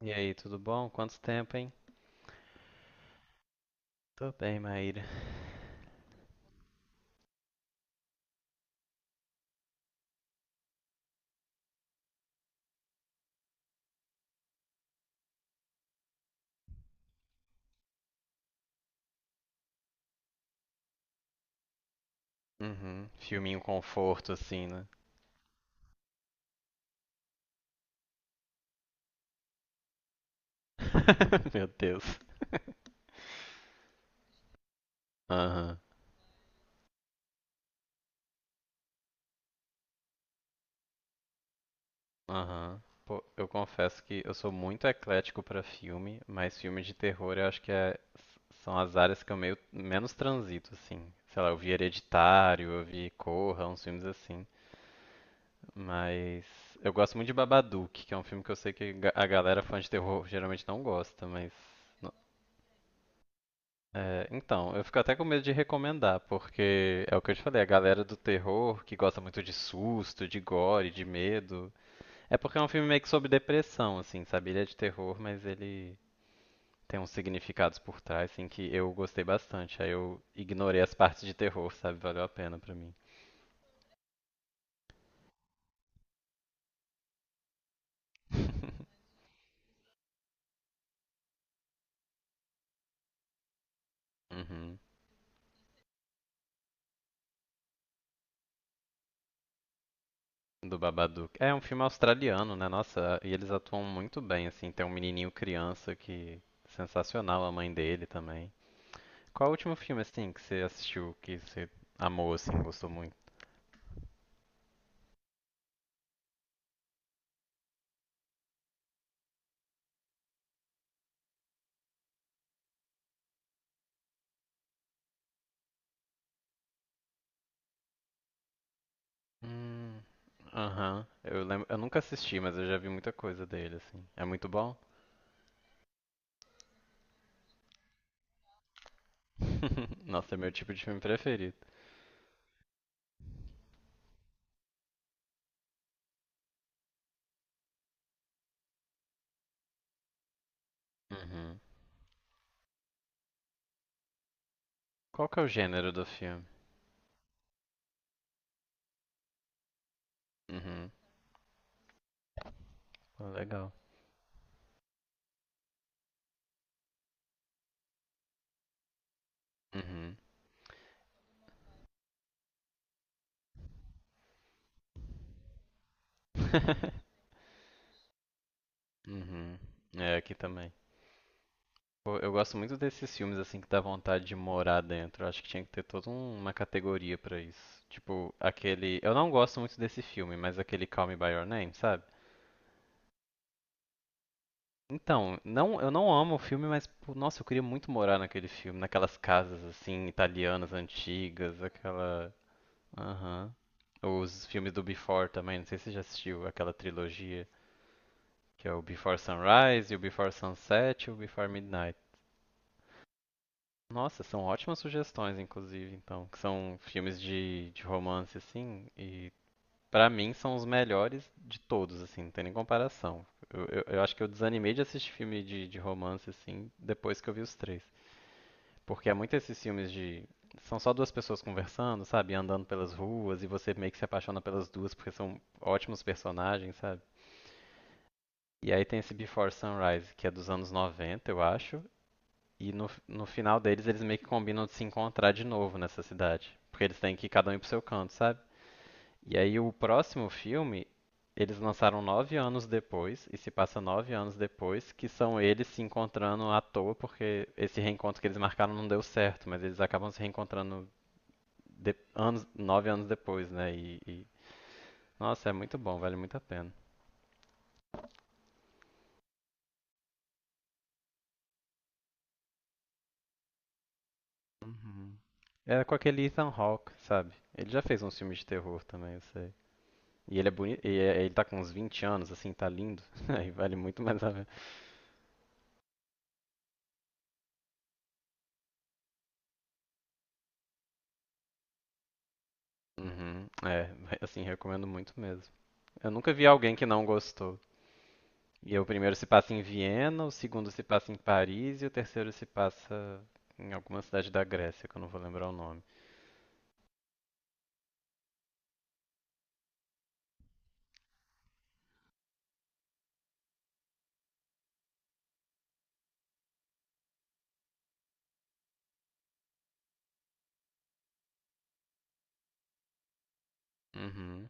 E aí, tudo bom? Quanto tempo, hein? Tô bem, Maíra. Uhum. Filminho conforto, assim, né? Meu Deus. Aham, aham. Pô, eu confesso que eu sou muito eclético pra filme, mas filme de terror eu acho que é- são as áreas que eu meio menos transito, assim. Sei lá, eu vi Hereditário, eu vi Corra, uns filmes assim. Mas gosto muito de Babadook, que é um filme que eu sei que a galera fã de terror geralmente não gosta, mas é, então, eu fico até com medo de recomendar, porque é o que eu te falei, a galera do terror que gosta muito de susto, de gore, de medo. É porque é um filme meio que sobre depressão, assim, sabe? Ele é de terror, mas ele tem uns significados por trás, assim, que eu gostei bastante. Aí eu ignorei as partes de terror, sabe? Valeu a pena pra mim. Uhum. Do Babadook. É um filme australiano, né? Nossa, e eles atuam muito bem, assim. Tem um menininho criança que. Sensacional, a mãe dele também. Qual o último filme, assim, que você assistiu, que você amou, assim, gostou muito? Hum, aham. Eu lembro, eu nunca assisti, mas eu já vi muita coisa dele, assim. É muito bom? Nossa, é meu tipo de filme preferido. Uhum. Qual que é o gênero do filme? Uhum. Pô, legal. Uhum. Uhum. É, aqui também. Pô, eu gosto muito desses filmes, assim, que dá vontade de morar dentro. Eu acho que tinha que ter toda uma categoria pra isso. Tipo, aquele... Eu não gosto muito desse filme, mas aquele Call Me By Your Name, sabe? Então, não, eu não amo o filme, mas pô, nossa, eu queria muito morar naquele filme, naquelas casas assim italianas antigas, aquela, aham. Os filmes do Before também, não sei se você já assistiu aquela trilogia, que é o Before Sunrise, e o Before Sunset e o Before Midnight. Nossa, são ótimas sugestões, inclusive, então, que são filmes de romance, assim, e pra mim são os melhores de todos, assim, não tem nem comparação. Eu acho que eu desanimei de assistir filme de romance, assim, depois que eu vi os três. Porque há muito esses filmes de. São só duas pessoas conversando, sabe? Andando pelas ruas e você meio que se apaixona pelas duas porque são ótimos personagens, sabe? E aí tem esse Before Sunrise, que é dos anos 90, eu acho. E no final deles, eles meio que combinam de se encontrar de novo nessa cidade. Porque eles têm que ir cada um ir pro seu canto, sabe? E aí o próximo filme, eles lançaram 9 anos depois, e se passa 9 anos depois, que são eles se encontrando à toa, porque esse reencontro que eles marcaram não deu certo, mas eles acabam se reencontrando 9 anos depois, né? Nossa, é muito bom, vale muito a pena. Uhum. Era com aquele Ethan Hawke, sabe? Ele já fez uns filmes de terror também, eu sei. E ele é bonito, ele tá com uns 20 anos, assim, tá lindo. Aí vale muito mais a pena. Uhum, é, assim, recomendo muito mesmo. Eu nunca vi alguém que não gostou. E o primeiro se passa em Viena, o segundo se passa em Paris e o terceiro se passa em alguma cidade da Grécia, que eu não vou lembrar o nome. Uhum.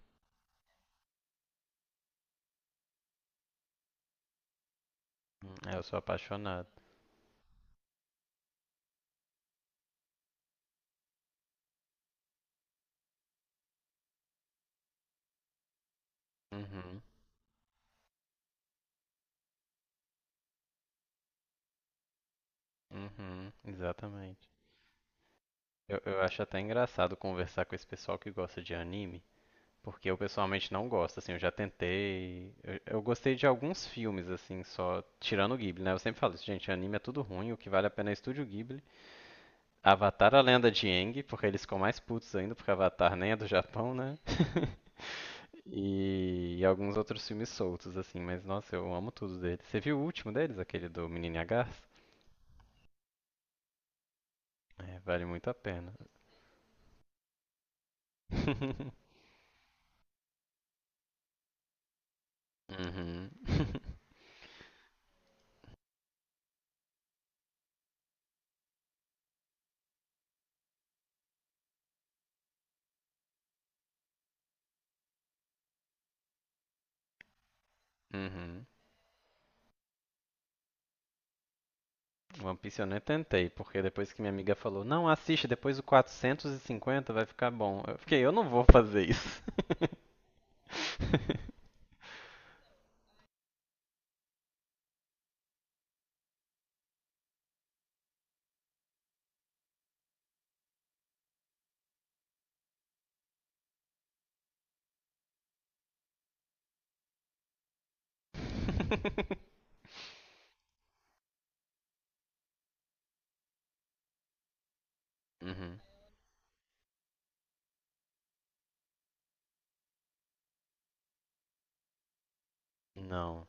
É, eu sou apaixonado. Uhum. Uhum, exatamente. Eu acho até engraçado conversar com esse pessoal que gosta de anime, porque eu pessoalmente não gosto, assim, eu já tentei. Eu gostei de alguns filmes, assim, só tirando o Ghibli, né? Eu sempre falo isso, gente, anime é tudo ruim, o que vale a pena é Estúdio Ghibli. Avatar a Lenda de Aang, porque eles ficam mais putos ainda, porque Avatar nem é do Japão, né? E alguns outros filmes soltos, assim, mas nossa, eu amo tudo deles. Você viu o último deles, aquele do Menino e a Garça? É, vale muito a pena. Uhum. Uhum. One Piece eu nem tentei, porque depois que minha amiga falou, não, assiste, depois do 450 vai ficar bom. Eu fiquei, eu não vou fazer isso. Uhum. Não.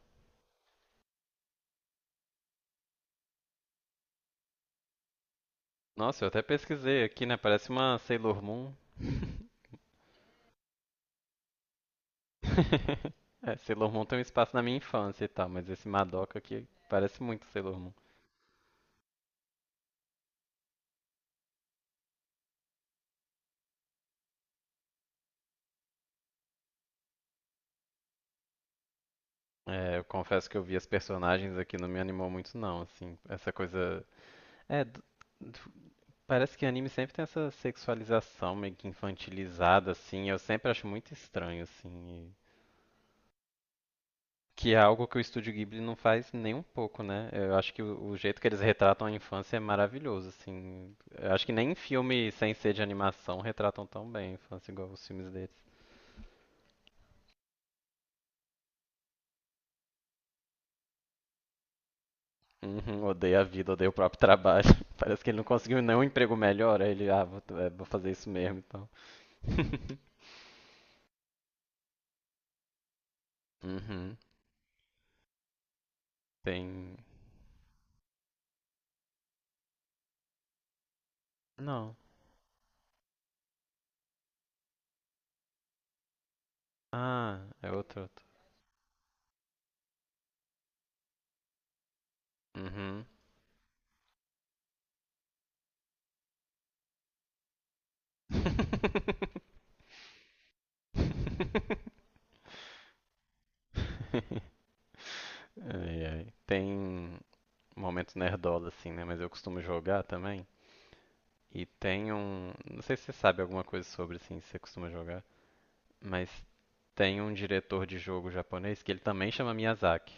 Nossa, eu até pesquisei aqui, né? Parece uma Sailor Moon. É, Sailor Moon tem um espaço na minha infância e tal, mas esse Madoka aqui parece muito Sailor Moon. É, eu confesso que eu vi as personagens aqui, não me animou muito não, assim, essa coisa... É, parece que anime sempre tem essa sexualização meio que infantilizada, assim. Eu sempre acho muito estranho, assim. e- Que é algo que o Estúdio Ghibli não faz nem um pouco, né? Eu acho que o jeito que eles retratam a infância é maravilhoso, assim. Eu acho que nem em filme sem ser de animação retratam tão bem a infância igual os filmes deles. Uhum, odeio a vida, odeia o próprio trabalho. Parece que ele não conseguiu nenhum emprego melhor. Aí ele, ah, vou fazer isso mesmo, então. Uhum, tem. Não. Ah, é outro. Uhum. Ai, ai. Tem momentos nerdola assim, né? Mas eu costumo jogar também. E tem um. Não sei se você sabe alguma coisa sobre, assim, se você costuma jogar. Mas tem um diretor de jogo japonês que ele também chama Miyazaki.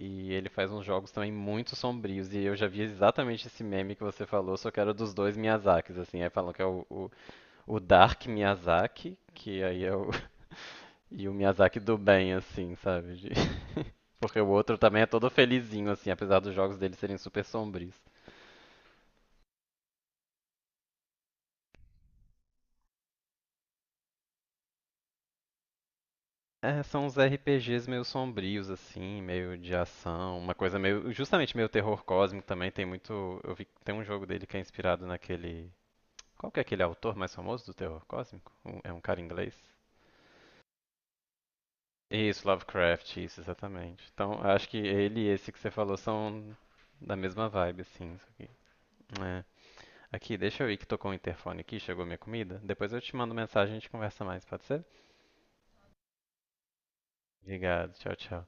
E ele faz uns jogos também muito sombrios. E eu já vi exatamente esse meme que você falou, só que era dos dois Miyazakis, assim. Aí falam que é o Dark Miyazaki, que aí é o. E o Miyazaki do bem, assim, sabe? Porque o outro também é todo felizinho, assim, apesar dos jogos dele serem super sombrios. É, são uns RPGs meio sombrios, assim, meio de ação, uma coisa meio. Justamente meio terror cósmico também. Tem muito. Eu vi que tem um jogo dele que é inspirado naquele. Qual que é aquele autor mais famoso do terror cósmico? É um cara inglês? Isso, Lovecraft, isso, exatamente. Então, acho que ele e esse que você falou são da mesma vibe, assim. Isso aqui. É. Aqui, deixa eu ir que tocou o interfone aqui, chegou minha comida. Depois eu te mando mensagem e a gente conversa mais, pode ser? Obrigado. Tchau, tchau.